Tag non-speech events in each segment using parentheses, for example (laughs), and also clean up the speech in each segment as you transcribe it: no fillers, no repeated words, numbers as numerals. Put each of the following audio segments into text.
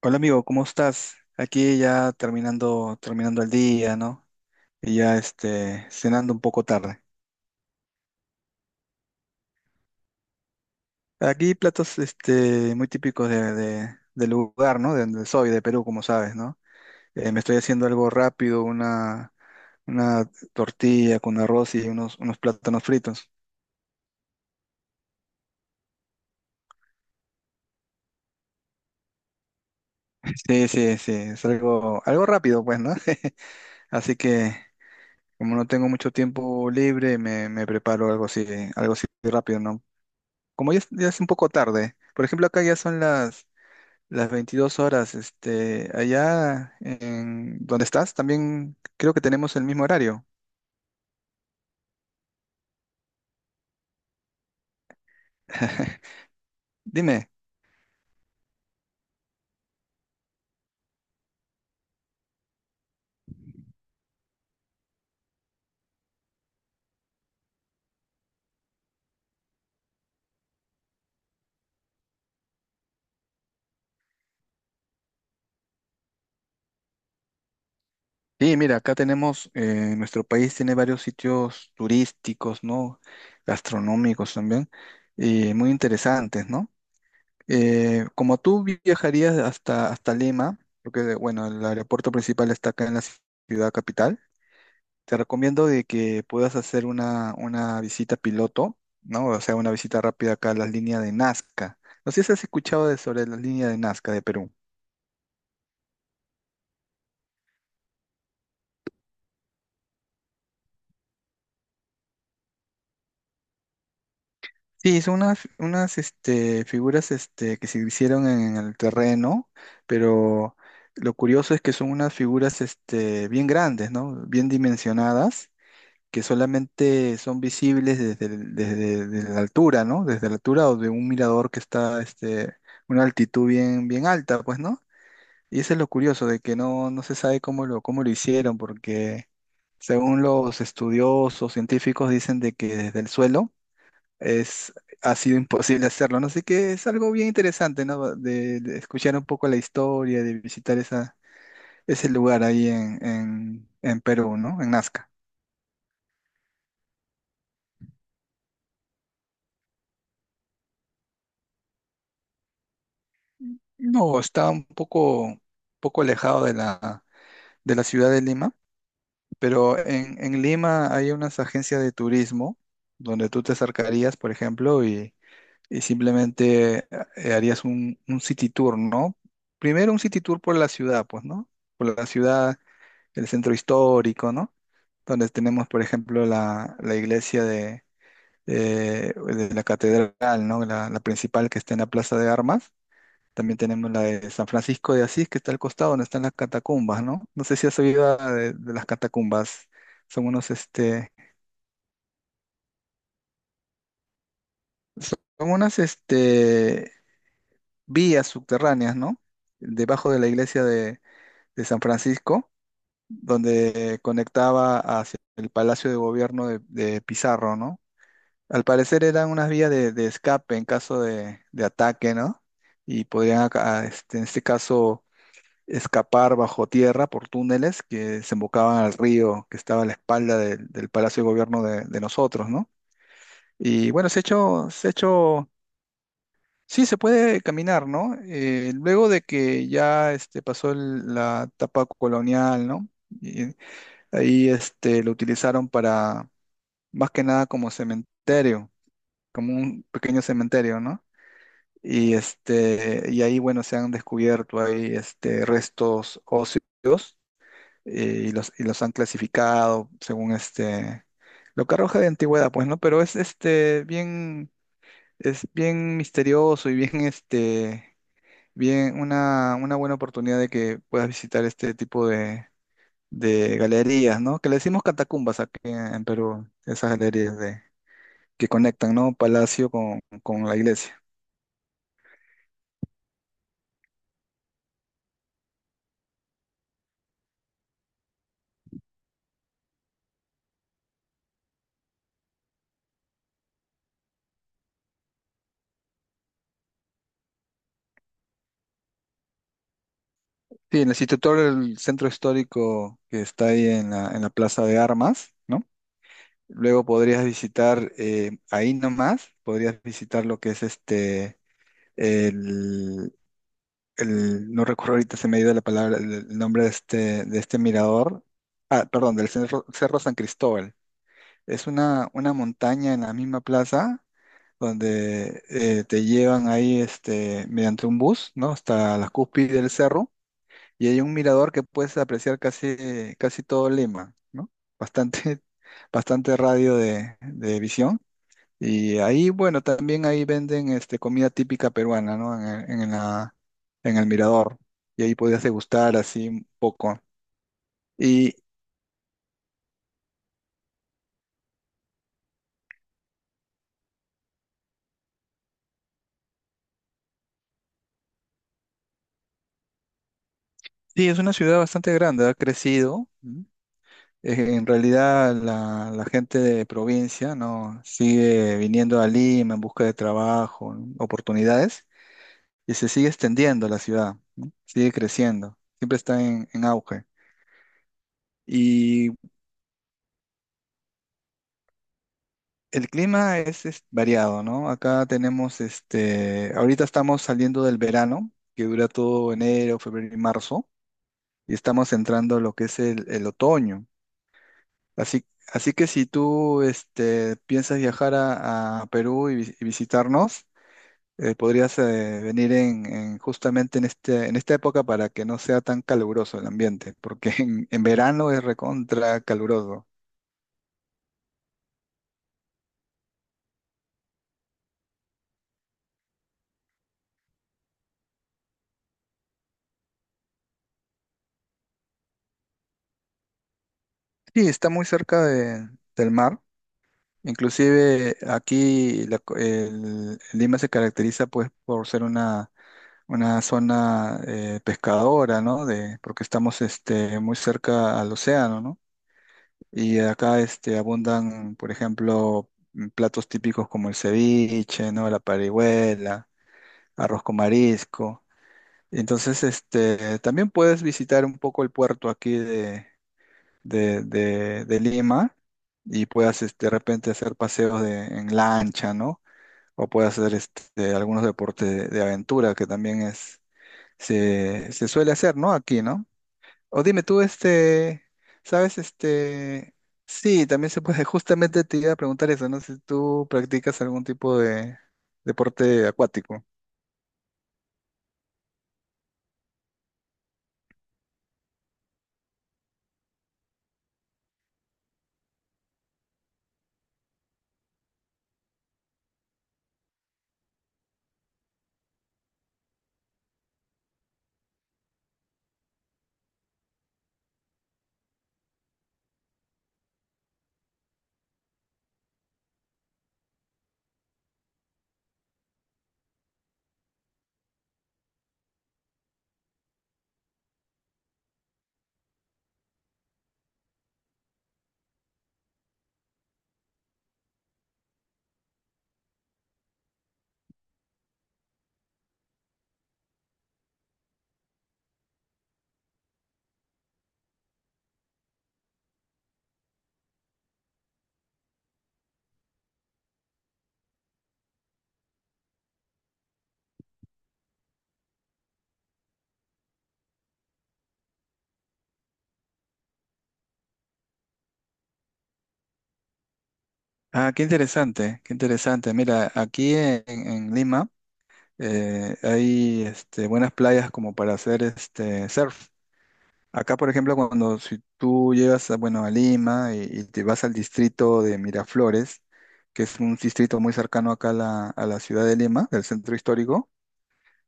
Hola amigo, ¿cómo estás? Aquí ya terminando el día, ¿no? Y ya cenando un poco tarde. Aquí platos muy típicos del lugar, ¿no? De donde soy, de Perú, como sabes, ¿no? Me estoy haciendo algo rápido, una tortilla con arroz y unos plátanos fritos. Sí, sí, sí, es algo rápido, pues, ¿no? (laughs) Así que como no tengo mucho tiempo libre, me preparo algo así rápido, ¿no? Como ya es un poco tarde, por ejemplo, acá ya son las 22 horas, allá en donde estás, también creo que tenemos el mismo horario. (laughs) Dime. Sí, mira, acá tenemos, nuestro país tiene varios sitios turísticos, ¿no? Gastronómicos también, y muy interesantes, ¿no? Como tú viajarías hasta Lima, porque, bueno, el aeropuerto principal está acá en la ciudad capital. Te recomiendo de que puedas hacer una visita piloto, ¿no? O sea, una visita rápida acá a las líneas de Nazca. No sé si has escuchado sobre las líneas de Nazca de Perú. Sí, son unas figuras que se hicieron en el terreno, pero lo curioso es que son unas figuras bien grandes, ¿no? Bien dimensionadas, que solamente son visibles desde la altura, ¿no? Desde la altura o de un mirador que está una altitud bien, bien alta, pues, ¿no? Y eso es lo curioso, de que no, no se sabe cómo lo hicieron, porque según los estudiosos científicos dicen de que desde el suelo es, ha sido imposible hacerlo, ¿no? Así que es algo bien interesante, ¿no? De escuchar un poco la historia, de visitar ese lugar ahí en Perú, ¿no? En Nazca. No, está un poco alejado de la ciudad de Lima, pero en Lima hay unas agencias de turismo donde tú te acercarías, por ejemplo, y simplemente harías un city tour, ¿no? Primero un city tour por la ciudad, pues, ¿no? Por la ciudad, el centro histórico, ¿no? Donde tenemos, por ejemplo, la iglesia de la catedral, ¿no? La principal que está en la Plaza de Armas. También tenemos la de San Francisco de Asís, que está al costado donde están las catacumbas, ¿no? No sé si has oído de las catacumbas. Son unos, este, son unas vías subterráneas, ¿no? Debajo de la iglesia de San Francisco, donde conectaba hacia el Palacio de Gobierno de Pizarro, ¿no? Al parecer eran unas vías de escape en caso de ataque, ¿no? Y podrían, en este caso, escapar bajo tierra por túneles que se embocaban al río que estaba a la espalda del Palacio de Gobierno de nosotros, ¿no? Y bueno, se ha hecho, se ha hecho. Sí, se puede caminar, ¿no? Luego de que ya pasó la etapa colonial, ¿no? Y ahí lo utilizaron para, más que nada, como cementerio, como un pequeño cementerio, ¿no? Y ahí, bueno, se han descubierto ahí restos óseos y los han clasificado según lo que arroja de antigüedad, pues, ¿no? Pero es bien misterioso y bien Bien, una buena oportunidad de que puedas visitar este tipo de galerías, ¿no? Que le decimos catacumbas aquí en Perú, esas galerías que conectan, ¿no? Palacio con la iglesia. Sí, en el instituto del centro histórico que está ahí en la Plaza de Armas, ¿no? Luego podrías visitar ahí nomás, podrías visitar lo que es el el, no recuerdo ahorita, se me ha ido la palabra, el nombre de este mirador, perdón, del Cerro San Cristóbal. Es una montaña en la misma plaza donde te llevan ahí mediante un bus, ¿no? Hasta la cúspide del cerro, y hay un mirador que puedes apreciar casi, casi todo Lima, ¿no? Bastante, (laughs) bastante radio de visión. Y ahí, bueno, también ahí venden comida típica peruana, ¿no? En el Mirador. Y ahí podías degustar así un poco. Y sí, es una ciudad bastante grande, ha crecido. ¿M? En realidad la gente de provincia, ¿no? Sigue viniendo a Lima en busca de trabajo, ¿no? Oportunidades, y se sigue extendiendo la ciudad, ¿no? Sigue creciendo, siempre está en auge. Y el clima es variado, ¿no? Acá tenemos, ahorita estamos saliendo del verano, que dura todo enero, febrero y marzo, y estamos entrando a lo que es el otoño. Así, así que si tú, piensas viajar a Perú y visitarnos, podrías venir justamente en esta época para que no sea tan caluroso el ambiente, porque (laughs) en verano es recontra caluroso. Sí, está muy cerca del mar. Inclusive aquí Lima se caracteriza pues por ser una zona pescadora, ¿no? Porque estamos muy cerca al océano, ¿no? Y acá abundan, por ejemplo, platos típicos como el ceviche, ¿no? La parihuela, arroz con marisco. Entonces, también puedes visitar un poco el puerto aquí de Lima y puedas de repente hacer paseos en lancha, ¿no? O puede hacer algunos deportes de aventura que también se suele hacer, ¿no? Aquí, ¿no? O dime tú, ¿sabes? Sí, también se puede. (laughs) Justamente te iba a preguntar eso, ¿no? Si tú practicas algún tipo de deporte acuático. Ah, qué interesante, qué interesante. Mira, aquí en Lima hay buenas playas como para hacer surf. Acá, por ejemplo, cuando si tú llegas a, bueno, a Lima y te vas al distrito de Miraflores, que es un distrito muy cercano acá a la ciudad de Lima, del centro histórico,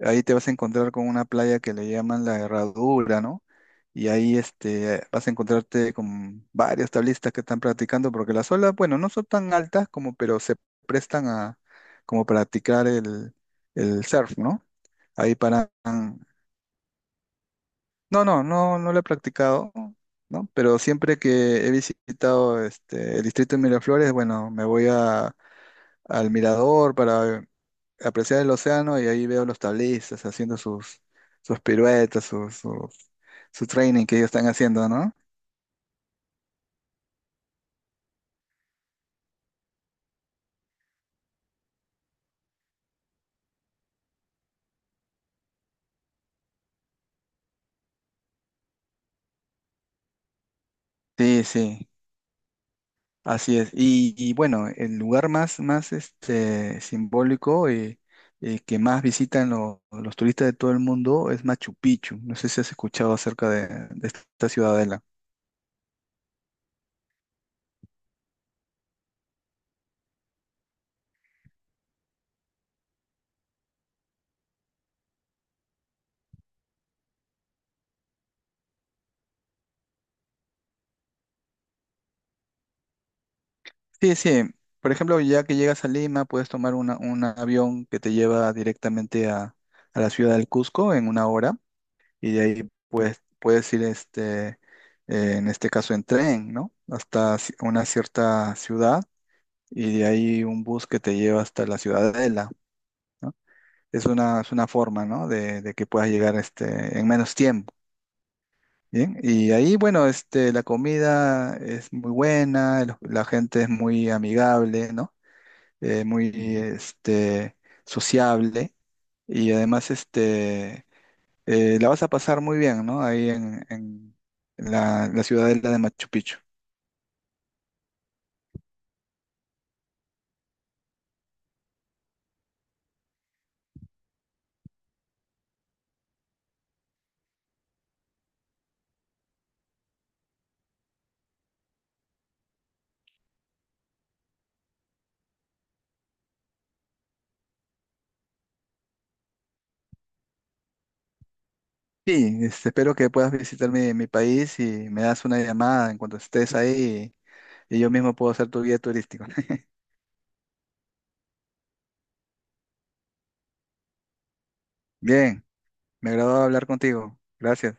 ahí te vas a encontrar con una playa que le llaman la Herradura, ¿no? Y ahí vas a encontrarte con varios tablistas que están practicando, porque las olas, bueno, no son tan altas como, pero se prestan a como practicar el surf, ¿no? Ahí paran No, no, no, no lo he practicado, ¿no? Pero siempre que he visitado el distrito de Miraflores, bueno, me voy al mirador para apreciar el océano y ahí veo los tablistas haciendo sus piruetas, su training que ellos están haciendo, ¿no? Sí, sí, así es. Y bueno, el lugar más simbólico y que más visitan los turistas de todo el mundo es Machu Picchu. No sé si has escuchado acerca de esta ciudadela. Sí, sí. Por ejemplo, ya que llegas a Lima, puedes tomar un avión que te lleva directamente a la ciudad del Cusco en una hora, y de ahí puedes ir, en este caso, en tren, ¿no? Hasta una cierta ciudad, y de ahí un bus que te lleva hasta la ciudadela, ¿no? Es una forma, ¿no? De que puedas llegar, en menos tiempo. Bien, y ahí, bueno, la comida es muy buena, la gente es muy amigable, ¿no? Muy este, sociable y además la vas a pasar muy bien, ¿no? Ahí en la ciudadela de Machu Picchu. Sí, espero que puedas visitar mi país y me das una llamada en cuanto estés ahí, y yo mismo puedo ser tu guía turístico. (laughs) Bien, me agradó hablar contigo. Gracias.